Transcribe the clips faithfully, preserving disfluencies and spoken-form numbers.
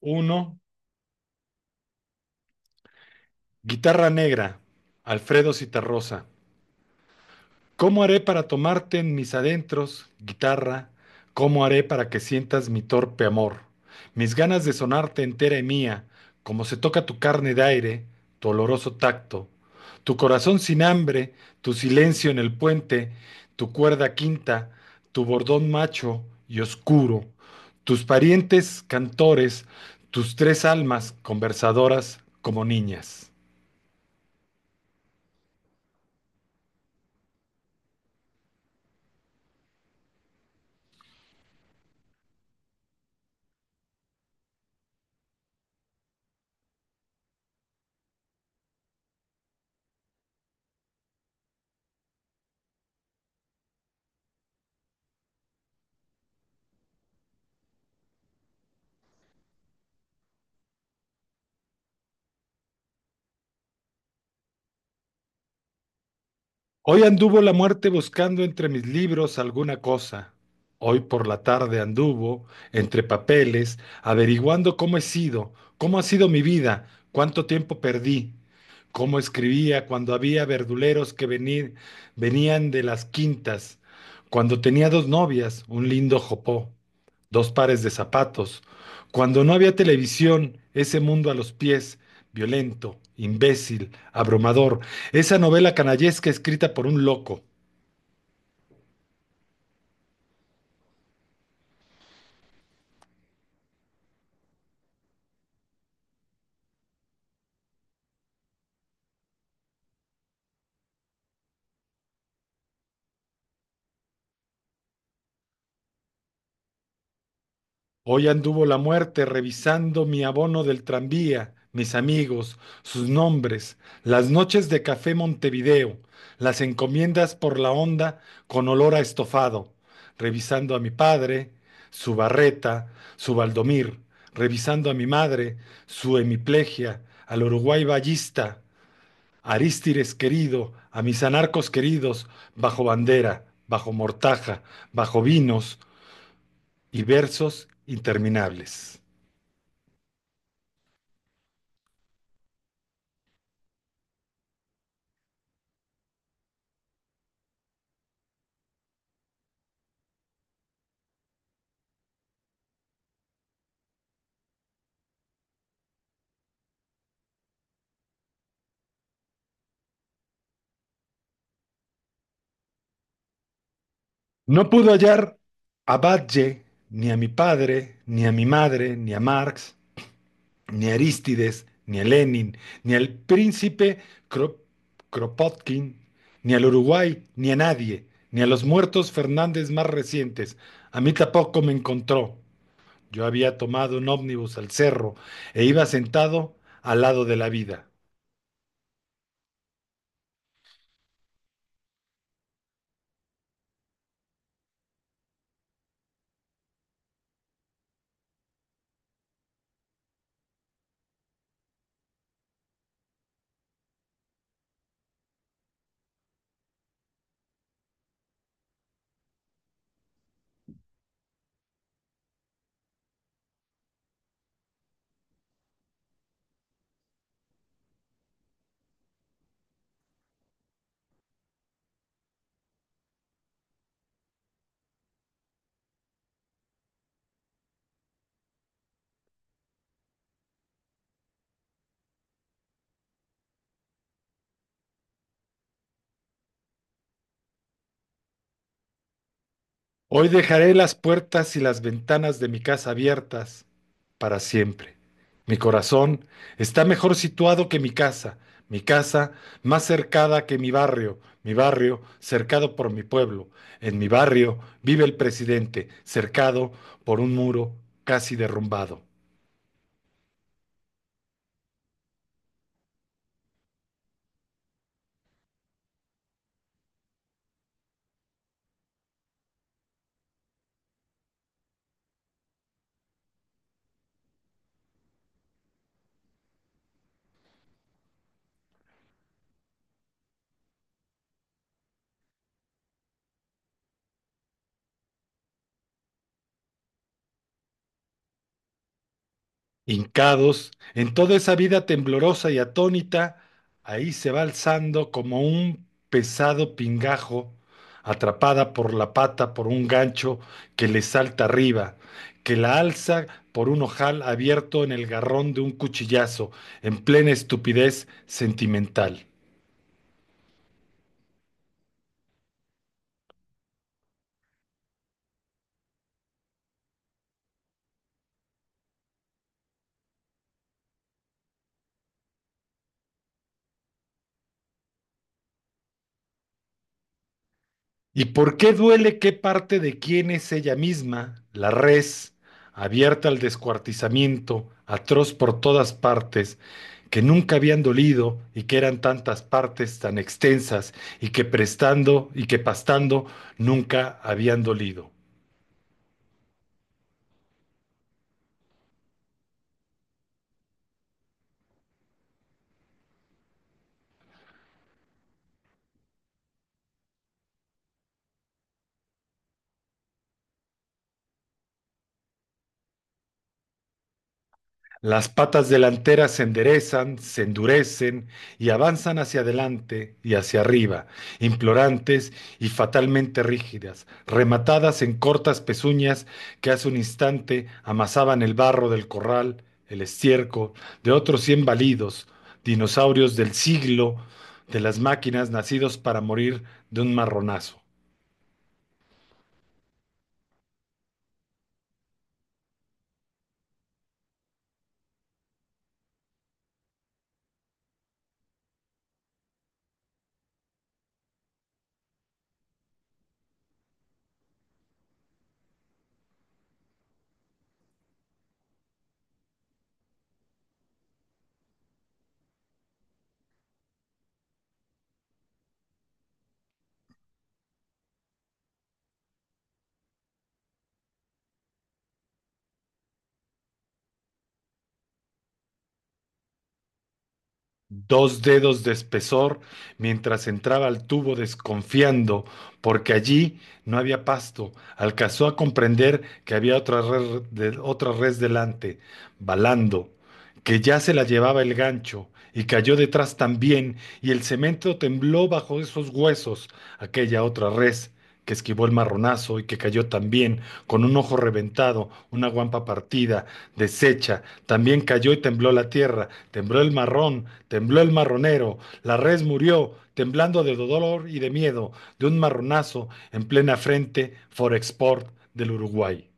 Uno, Guitarra negra, Alfredo Citarrosa. ¿Cómo haré para tomarte en mis adentros, guitarra? ¿Cómo haré para que sientas mi torpe amor? Mis ganas de sonarte entera y mía, como se toca tu carne de aire, tu oloroso tacto, tu corazón sin hambre, tu silencio en el puente, tu cuerda quinta, tu bordón macho y oscuro, tus parientes cantores, tus tres almas conversadoras como niñas. Hoy anduvo la muerte buscando entre mis libros alguna cosa. Hoy por la tarde anduvo entre papeles, averiguando cómo he sido, cómo ha sido mi vida, cuánto tiempo perdí, cómo escribía cuando había verduleros que venir, venían de las quintas, cuando tenía dos novias, un lindo jopó, dos pares de zapatos, cuando no había televisión, ese mundo a los pies, violento, imbécil, abrumador, esa novela canallesca escrita por un loco. Hoy anduvo la muerte revisando mi abono del tranvía, mis amigos, sus nombres, las noches de café Montevideo, las encomiendas por la onda con olor a estofado, revisando a mi padre, su barreta, su Valdomir, revisando a mi madre, su hemiplegia, al Uruguay Ballista, Arístides querido, a mis anarcos queridos, bajo bandera, bajo mortaja, bajo vinos y versos interminables. No pudo hallar a Badge, ni a mi padre, ni a mi madre, ni a Marx, ni a Arístides, ni a Lenin, ni al príncipe Kro- Kropotkin, ni al Uruguay, ni a nadie, ni a los muertos Fernández más recientes. A mí tampoco me encontró. Yo había tomado un ómnibus al cerro e iba sentado al lado de la vida. Hoy dejaré las puertas y las ventanas de mi casa abiertas para siempre. Mi corazón está mejor situado que mi casa, mi casa más cercada que mi barrio, mi barrio cercado por mi pueblo. En mi barrio vive el presidente, cercado por un muro casi derrumbado. Hincados, en toda esa vida temblorosa y atónita, ahí se va alzando como un pesado pingajo, atrapada por la pata por un gancho que le salta arriba, que la alza por un ojal abierto en el garrón de un cuchillazo, en plena estupidez sentimental. ¿Y por qué duele qué parte de quién es ella misma, la res, abierta al descuartizamiento, atroz por todas partes, que nunca habían dolido y que eran tantas partes tan extensas y que prestando y que pastando nunca habían dolido? Las patas delanteras se enderezan, se endurecen y avanzan hacia adelante y hacia arriba, implorantes y fatalmente rígidas, rematadas en cortas pezuñas que hace un instante amasaban el barro del corral, el estiércol de otros cien balidos, dinosaurios del siglo de las máquinas nacidos para morir de un marronazo. Dos dedos de espesor mientras entraba al tubo desconfiando, porque allí no había pasto. Alcanzó a comprender que había otra red, de- otra res delante, balando que ya se la llevaba el gancho, y cayó detrás también, y el cemento tembló bajo esos huesos, aquella otra res que esquivó el marronazo y que cayó también, con un ojo reventado, una guampa partida, deshecha, también cayó y tembló la tierra, tembló el marrón, tembló el marronero, la res murió, temblando de dolor y de miedo, de un marronazo en plena frente Forexport del Uruguay.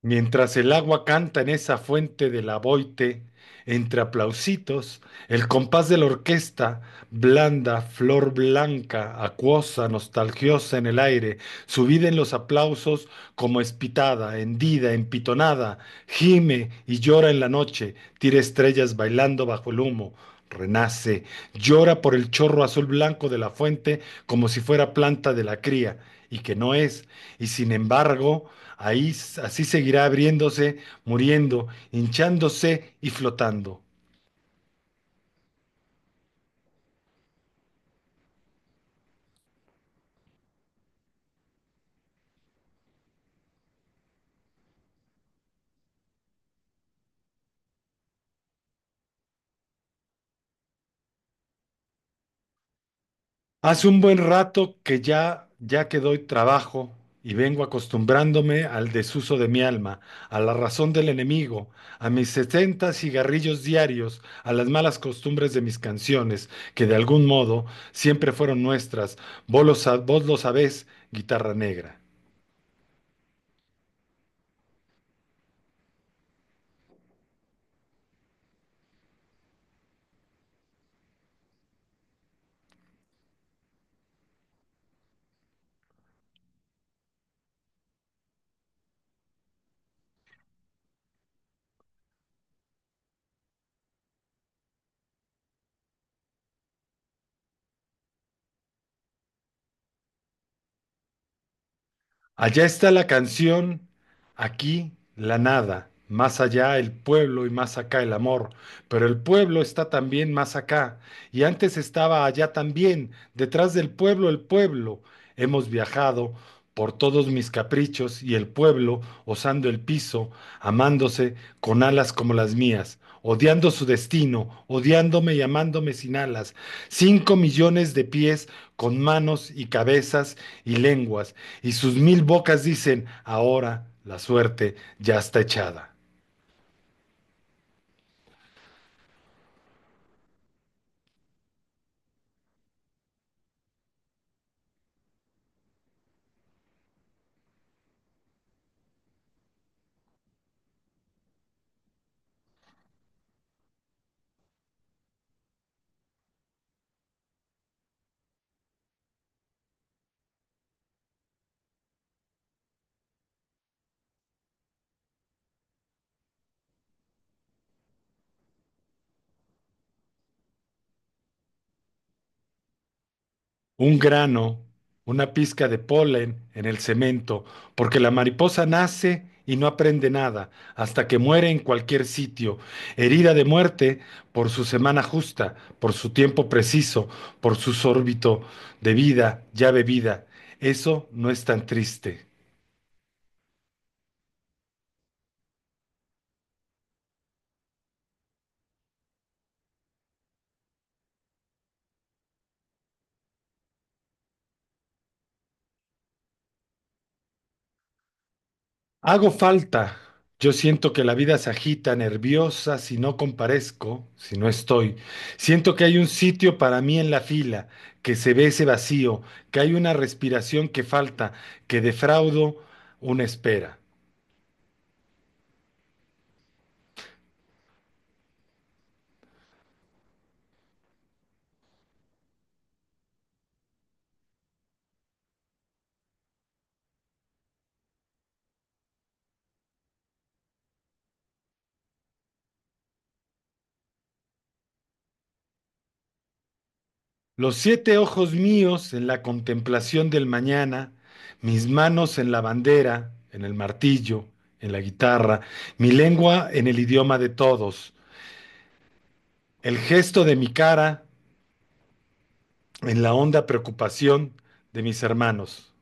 Mientras el agua canta en esa fuente del Aboite, entre aplausitos, el compás de la orquesta, blanda, flor blanca, acuosa, nostalgiosa en el aire, subida en los aplausos como espitada, hendida, empitonada, gime y llora en la noche, tira estrellas bailando bajo el humo. Renace, llora por el chorro azul blanco de la fuente como si fuera planta de la cría, y que no es, y sin embargo, ahí s- así seguirá abriéndose, muriendo, hinchándose y flotando. Hace un buen rato que ya, ya que doy trabajo y vengo acostumbrándome al desuso de mi alma, a la razón del enemigo, a mis setenta cigarrillos diarios, a las malas costumbres de mis canciones, que de algún modo siempre fueron nuestras. Vos lo, sa- vos lo sabés, guitarra negra. Allá está la canción, aquí la nada, más allá el pueblo y más acá el amor, pero el pueblo está también más acá, y antes estaba allá también, detrás del pueblo el pueblo. Hemos viajado por todos mis caprichos y el pueblo, osando el piso, amándose con alas como las mías, odiando su destino, odiándome y amándome sin alas, cinco millones de pies con manos y cabezas y lenguas, y sus mil bocas dicen, ahora la suerte ya está echada. Un grano, una pizca de polen en el cemento, porque la mariposa nace y no aprende nada, hasta que muere en cualquier sitio, herida de muerte por su semana justa, por su tiempo preciso, por su órbito de vida ya bebida. Eso no es tan triste. Hago falta. Yo siento que la vida se agita, nerviosa, si no comparezco, si no estoy. Siento que hay un sitio para mí en la fila, que se ve ese vacío, que hay una respiración que falta, que defraudo una espera. Los siete ojos míos en la contemplación del mañana, mis manos en la bandera, en el martillo, en la guitarra, mi lengua en el idioma de todos, el gesto de mi cara. En la honda preocupación de mis hermanos,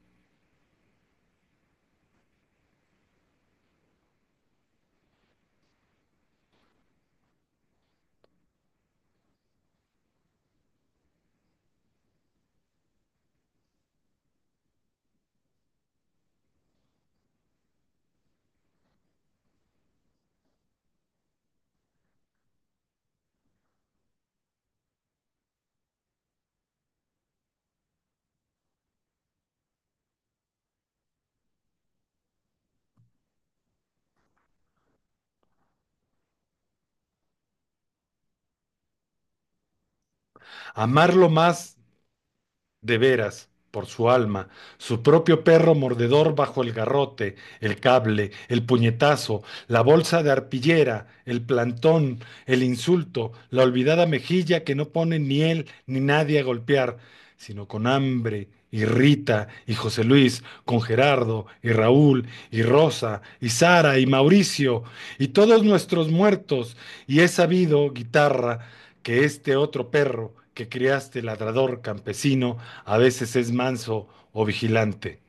amarlo más de veras, por su alma, su propio perro mordedor bajo el garrote, el cable, el puñetazo, la bolsa de arpillera, el plantón, el insulto, la olvidada mejilla que no pone ni él ni nadie a golpear, sino con hambre. Y Rita, y José Luis, con Gerardo, y Raúl, y Rosa, y Sara, y Mauricio, y todos nuestros muertos, y he sabido, guitarra, que este otro perro que criaste, ladrador campesino, a veces es manso o vigilante.